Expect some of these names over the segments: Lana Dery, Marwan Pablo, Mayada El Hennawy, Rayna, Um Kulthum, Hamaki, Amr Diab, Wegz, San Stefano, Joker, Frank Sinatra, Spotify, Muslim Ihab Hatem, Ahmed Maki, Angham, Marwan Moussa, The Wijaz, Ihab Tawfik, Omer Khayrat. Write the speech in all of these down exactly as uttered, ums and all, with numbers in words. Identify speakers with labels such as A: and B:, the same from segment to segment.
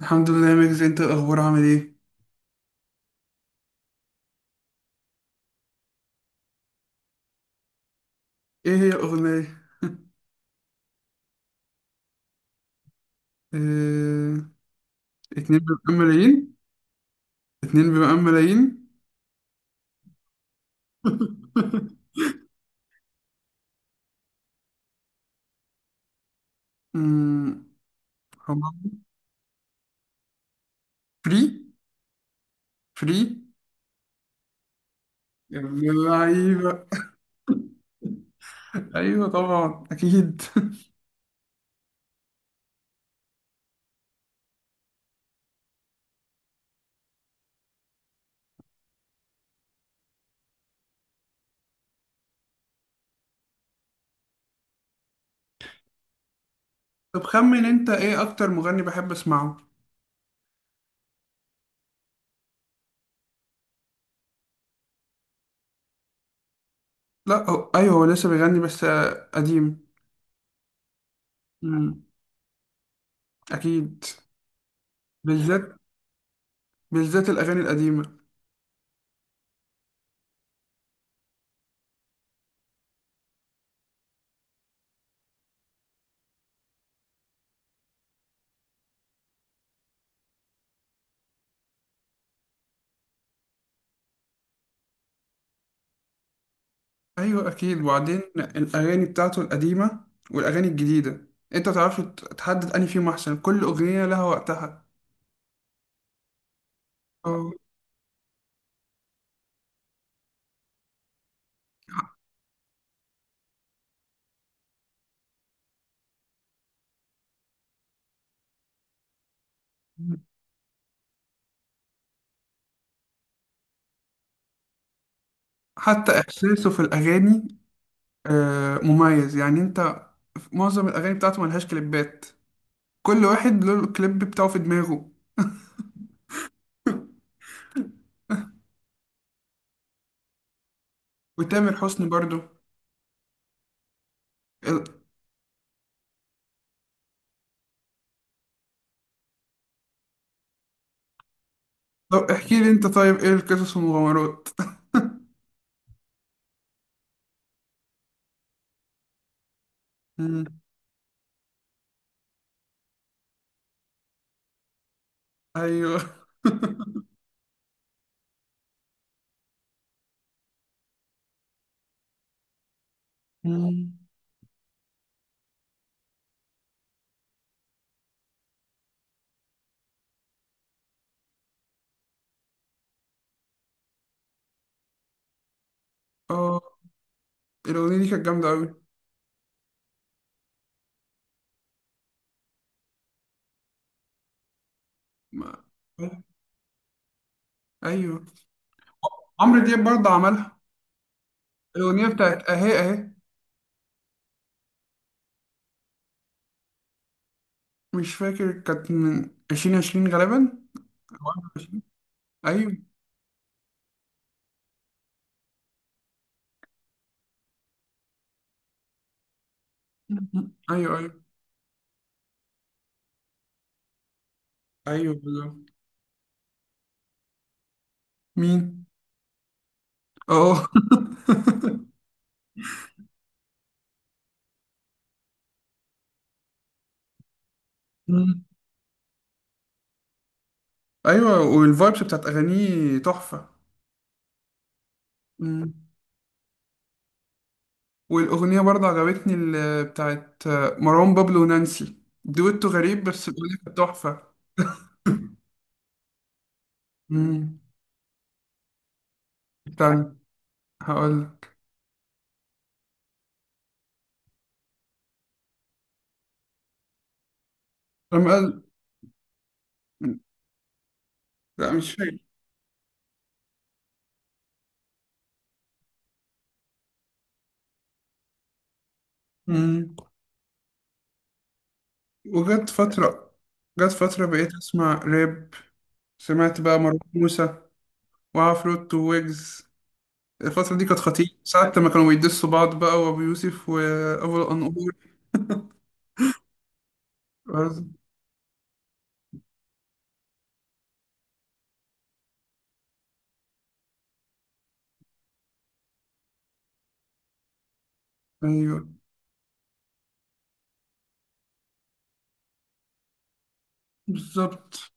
A: الحمد لله يا ميكس، انت الاخبار عامل ايه؟ ايه هي الاغنيه؟ اه... اتنين بيبقى ملايين. اتنين بيبقى ملايين. امم هما. فري. فري. يا ابن اللعيبه. ايوه طبعا اكيد. طب خمن انت، ايه اكتر مغني بحب اسمعه؟ لا هو... ايوه، هو لسه بيغني بس آه، قديم. امم اكيد. بالذات. بالذات الاغاني القديمه. ايوه اكيد. وبعدين الاغاني بتاعته القديمه والاغاني الجديده، انت متعرفش ت- تحدد انهي فيهم احسن. كل اغنيه لها وقتها. أو- حتى احساسه في الاغاني آه، مميز. يعني انت في معظم الاغاني بتاعته ملهاش كليبات، كل واحد له الكليب بتاعه في دماغه. وتامر حسني برضو. ال- طب احكي لي انت، طيب ايه القصص والمغامرات؟ مم. ايوه. مم. اه، الاغنيه دي كانت جامده قوي. ايوه عمرو دياب برضه عملها. الأغنية بتاعت أهي أهي. مش فاكر، كانت من عشرين عشرين غالبا أو واحد وعشرين. أيوه. أيوه أيوه. أيوه بالظبط. مين؟ أه. مم. أيوه، والفايبس بتاعت أغانيه تحفة. مم. والأغنية برضه عجبتني اللي بتاعت مروان بابلو ونانسي. دويتو غريب بس الأغنية كانت تحفة. مم. استنى، هقول لك. لما قال. لا مش فاكر. وجت فترة. جت فترة بقيت أسمع راب. سمعت بقى مروان موسى وعفروت وويجز. الفترة دي كانت خطيرة ساعة لما كانوا بيدسوا بعض بقى، وأبو يوسف وأبو الأنقور. عز- أيوه بالظبط.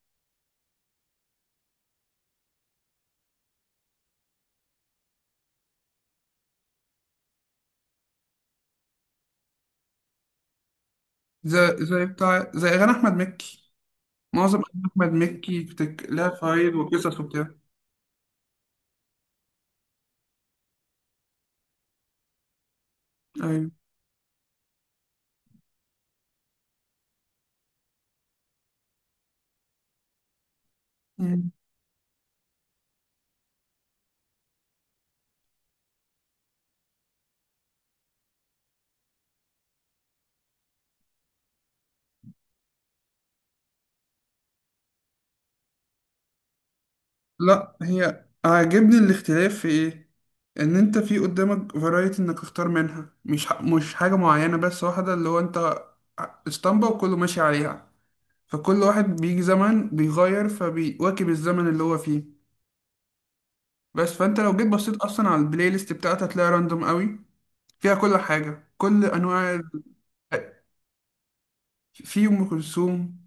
A: زي زي بتاع، زي أغاني أحمد مكي. معظم أغاني أحمد مكي بتك... لها فوايد وقصص وبتاع. أيوه. لا، هي عاجبني الاختلاف في ايه، ان انت في قدامك فرايتي انك تختار منها، مش ح... مش حاجة معينة بس واحدة اللي هو انت اسطمبة وكله ماشي عليها. فكل واحد بيجي زمن بيغير فبيواكب الزمن اللي هو فيه. بس فانت لو جيت بصيت اصلا على البلاي ليست بتاعتها هتلاقي راندوم قوي، فيها كل حاجة، كل انواع ال- في ام كلثوم،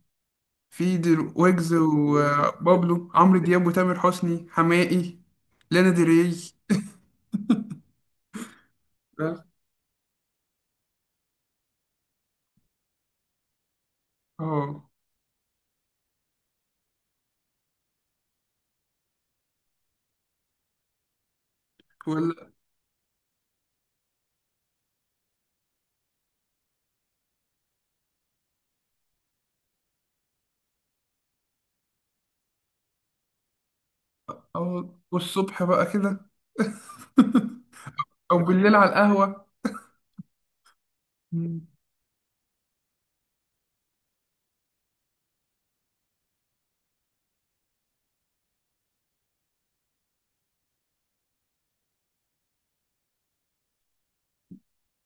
A: في دل... ويجز وبابلو، عمرو دياب وتامر حسني حماقي. لانا دري بس. اه. وال... أو- والصبح بقى كده. او بالليل على القهوة. مم.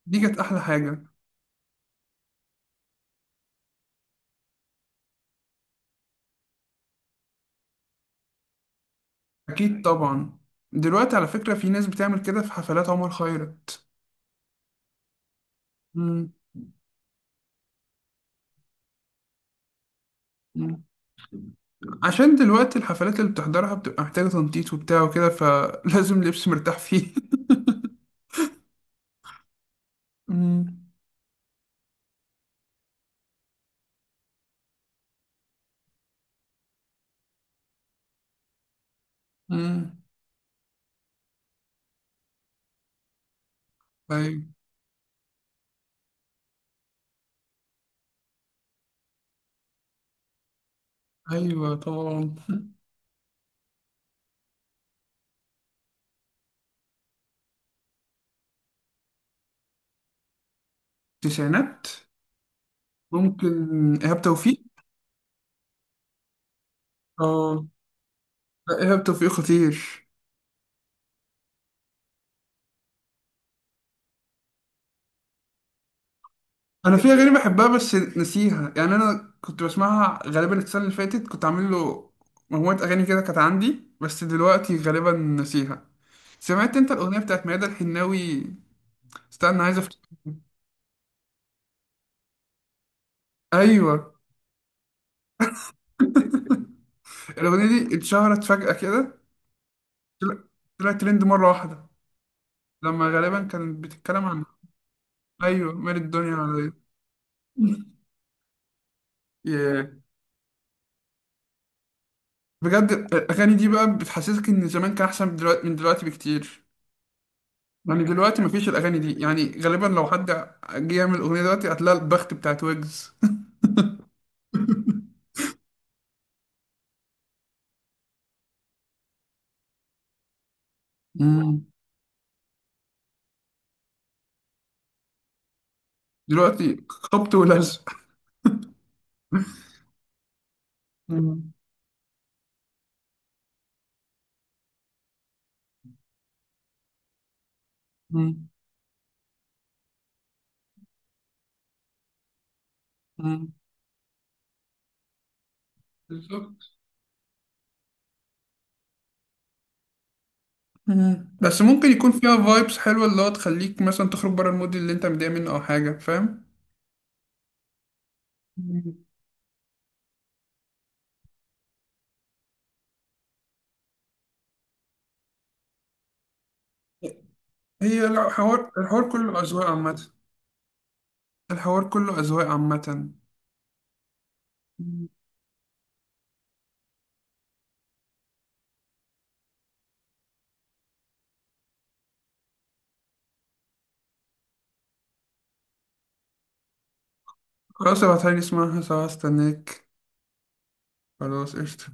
A: دي كانت احلى حاجة. اكيد طبعا. دلوقتي على فكرة في ناس بتعمل كده في حفلات عمر خيرت. مم. مم. عشان دلوقتي الحفلات اللي بتحضرها بتبقى محتاجة تنطيط وبتاع وكده، فلازم لبس مرتاح فيه. مم. مم. ايوه ايوه طبعا. تسعينات. ممكن. ايهاب توفيق. اه لا، ايهاب توفيق خطير. انا في اغاني بحبها بس نسيها يعني. انا كنت بسمعها غالبا السنه اللي فاتت، كنت عامل له مجموعه اغاني كده كانت عندي، بس دلوقتي غالبا نسيها. سمعت انت الاغنيه بتاعت ميادة الحناوي؟ استنى، عايز افتكر. ايوه. الاغنيه دي اتشهرت فجاه كده. طلع- طلعت ترند مره واحده. لما غالبا كانت بتتكلم عن. ايوه مال الدنيا عليا. ياه. بجد الاغاني دي بقى بتحسسك ان زمان كان احسن من دلوقتي، من دلوقتي بكتير. يعني دلوقتي مفيش الاغاني دي، يعني غالبا لو حد جه يعمل اغنيه دلوقتي هتلاقي البخت بتاعت ويجز. مم. دلوقتي خبط ولزق. مم. مم. مم. بالظبط. مم. بس ممكن يكون فيها فايبس حلوه اللي هو تخليك مثلا تخرج بره المود اللي انت متضايق منه او حاجه، فاهم. مم. هي الحوار، الحوار كله اذواق عامه. الحوار كله اذواق عامه. مم. خلاص ابعتها لي، اسمعها سوا، استناك. خلاص قشطة.